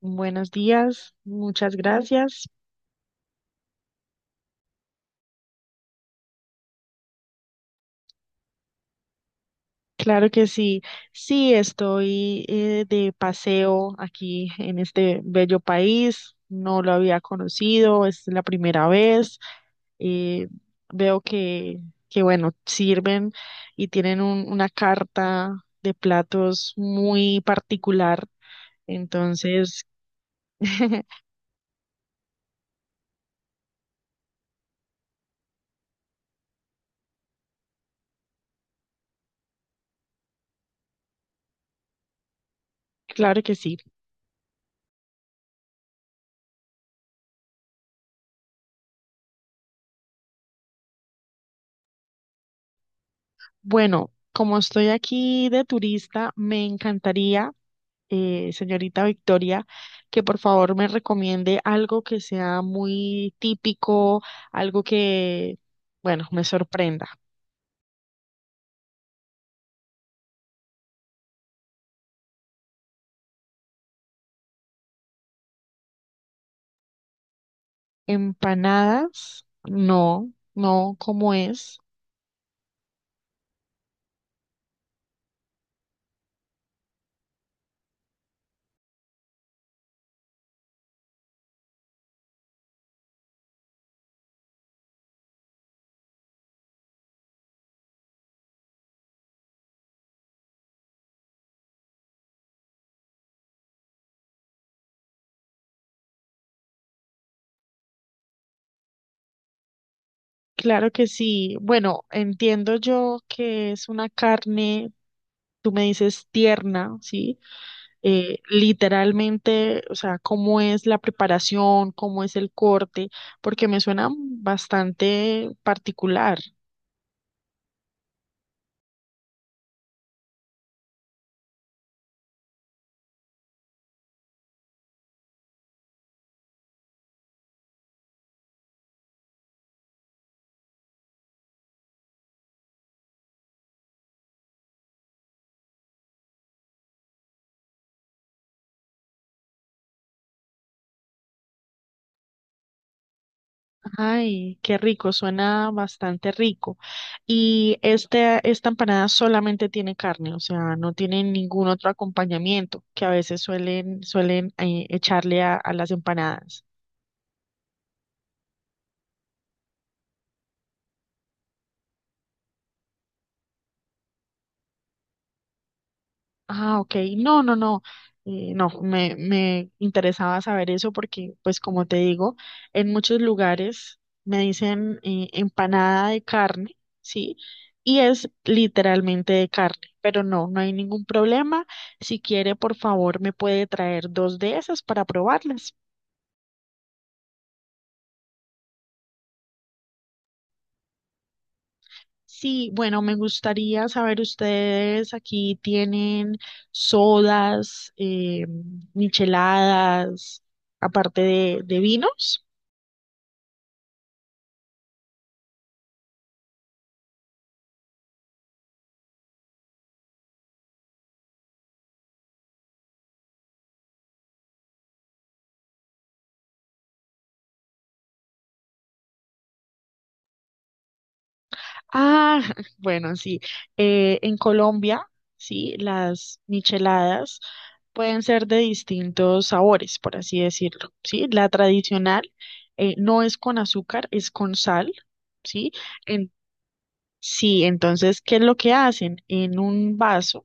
Buenos días, muchas gracias. Claro que sí, sí, estoy de paseo aquí en este bello país, no lo había conocido, es la primera vez. Eh, veo que, bueno, sirven y tienen una carta de platos muy particular, entonces, claro que sí. Bueno, como estoy aquí de turista, me encantaría, señorita Victoria, que por favor me recomiende algo que sea muy típico, algo que, bueno, me sorprenda. Empanadas, no, no, ¿cómo es? Claro que sí. Bueno, entiendo yo que es una carne, tú me dices tierna, ¿sí? Literalmente, o sea, ¿cómo es la preparación, cómo es el corte? Porque me suena bastante particular. Ay, qué rico, suena bastante rico. Y este, esta empanada solamente tiene carne, o sea, ¿no tiene ningún otro acompañamiento que a veces suelen, suelen echarle a las empanadas? Ah, ok. No, no, no. No, me interesaba saber eso porque, pues como te digo, en muchos lugares me dicen, empanada de carne, ¿sí? Y es literalmente de carne, pero no, no hay ningún problema. Si quiere, por favor, ¿me puede traer dos de esas para probarlas? Sí, bueno, me gustaría saber, ustedes aquí tienen sodas, micheladas, aparte de vinos. Ah, bueno, sí. En Colombia, sí, las micheladas pueden ser de distintos sabores, por así decirlo, sí. La tradicional no es con azúcar, es con sal, sí. En- sí, entonces, ¿qué es lo que hacen? En un vaso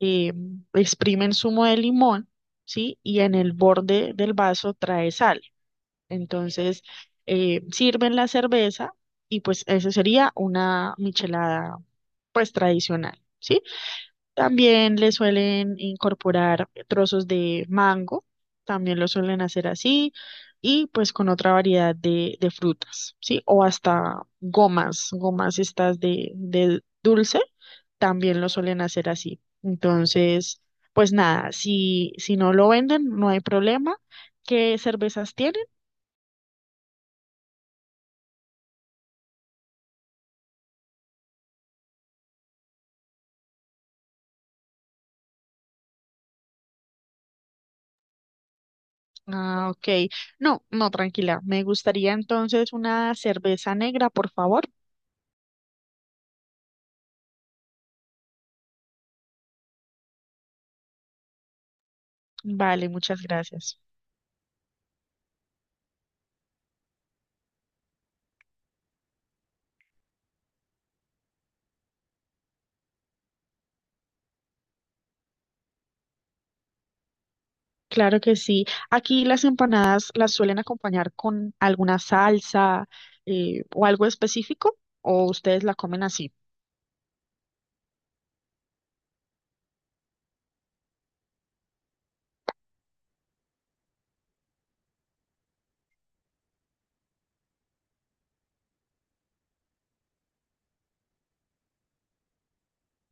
eh, exprimen zumo de limón, sí, y en el borde del vaso trae sal. Entonces, sirven la cerveza y pues eso sería una michelada pues tradicional, ¿sí? También le suelen incorporar trozos de mango, también lo suelen hacer así, y pues con otra variedad de frutas, ¿sí? O hasta gomas, gomas estas de dulce, también lo suelen hacer así. Entonces, pues nada, si, si no lo venden, no hay problema. ¿Qué cervezas tienen? Ah, ok. No, no, tranquila. Me gustaría entonces una cerveza negra, por favor. Vale, muchas gracias. Claro que sí. Aquí las empanadas, ¿las suelen acompañar con alguna salsa o algo específico, o ustedes la comen así?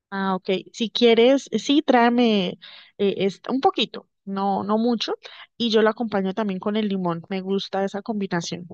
Ah, ok. Si quieres, sí, tráeme un poquito, no, no mucho, y yo lo acompaño también con el limón. Me gusta esa combinación.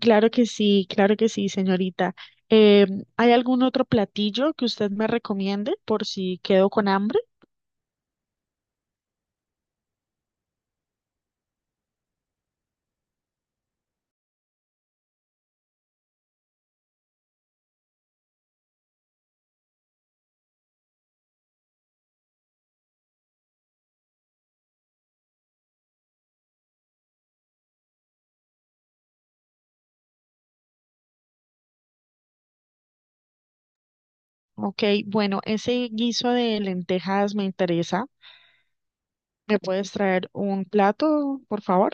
Claro que sí, señorita. Eh, ¿Hay algún otro platillo que usted me recomiende por si quedo con hambre? Ok, bueno, ese guiso de lentejas me interesa. ¿Me puedes traer un plato, por favor?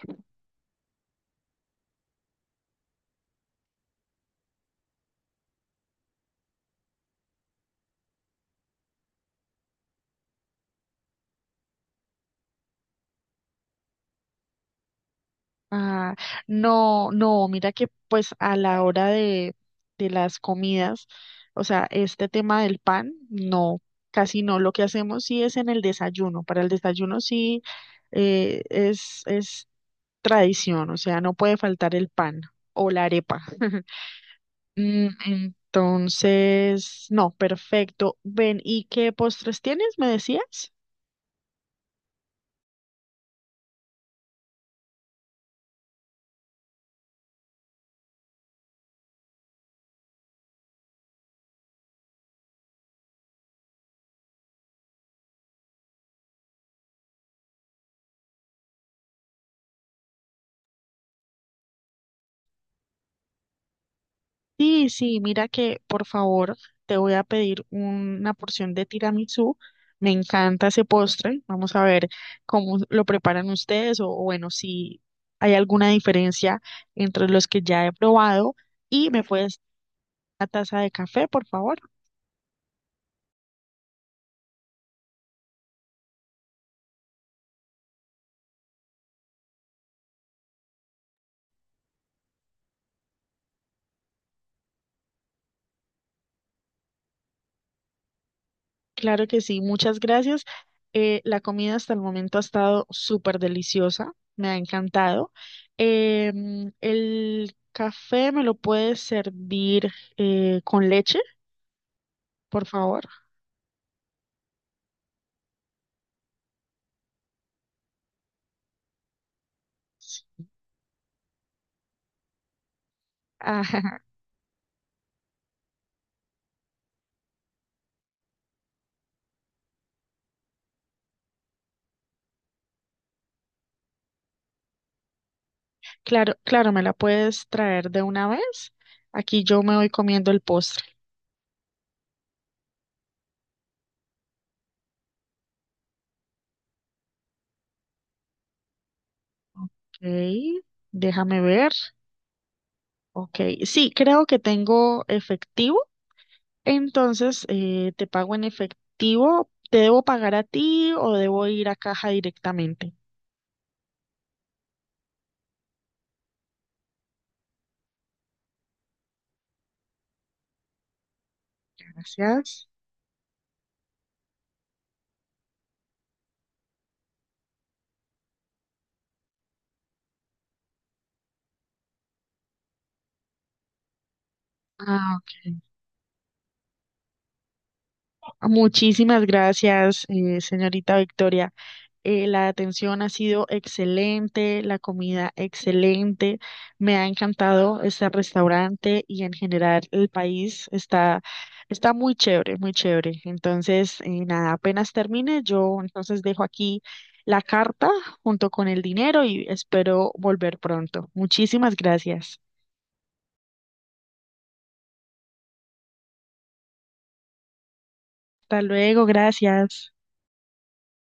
Ah, no, no, mira que pues a la hora de las comidas, o sea, este tema del pan, no, casi no. Lo que hacemos sí es en el desayuno. Para el desayuno sí es tradición, o sea, no puede faltar el pan o la arepa. Mm, entonces, no, perfecto. Ven, ¿y qué postres tienes? ¿Me decías? Sí, sí, mira que por favor te voy a pedir una porción de tiramisú. Me encanta ese postre. Vamos a ver cómo lo preparan ustedes o bueno, si hay alguna diferencia entre los que ya he probado. Y me puedes dar una taza de café, por favor. Claro que sí, muchas gracias. La comida hasta el momento ha estado súper deliciosa, me ha encantado. El café me lo puedes servir con leche, por favor. Ajá, claro, claro, me la puedes traer de una vez. Aquí yo me voy comiendo el postre. Ok, déjame ver. Ok, sí, creo que tengo efectivo. Entonces, te pago en efectivo. ¿Te debo pagar a ti o debo ir a caja directamente? Gracias. Ah, ok. Muchísimas gracias, señorita Victoria. La atención ha sido excelente, la comida excelente. Me ha encantado este restaurante y en general el país está, está muy chévere, muy chévere. Entonces, nada, apenas termine, yo entonces dejo aquí la carta junto con el dinero y espero volver pronto. Muchísimas gracias. Hasta luego, gracias.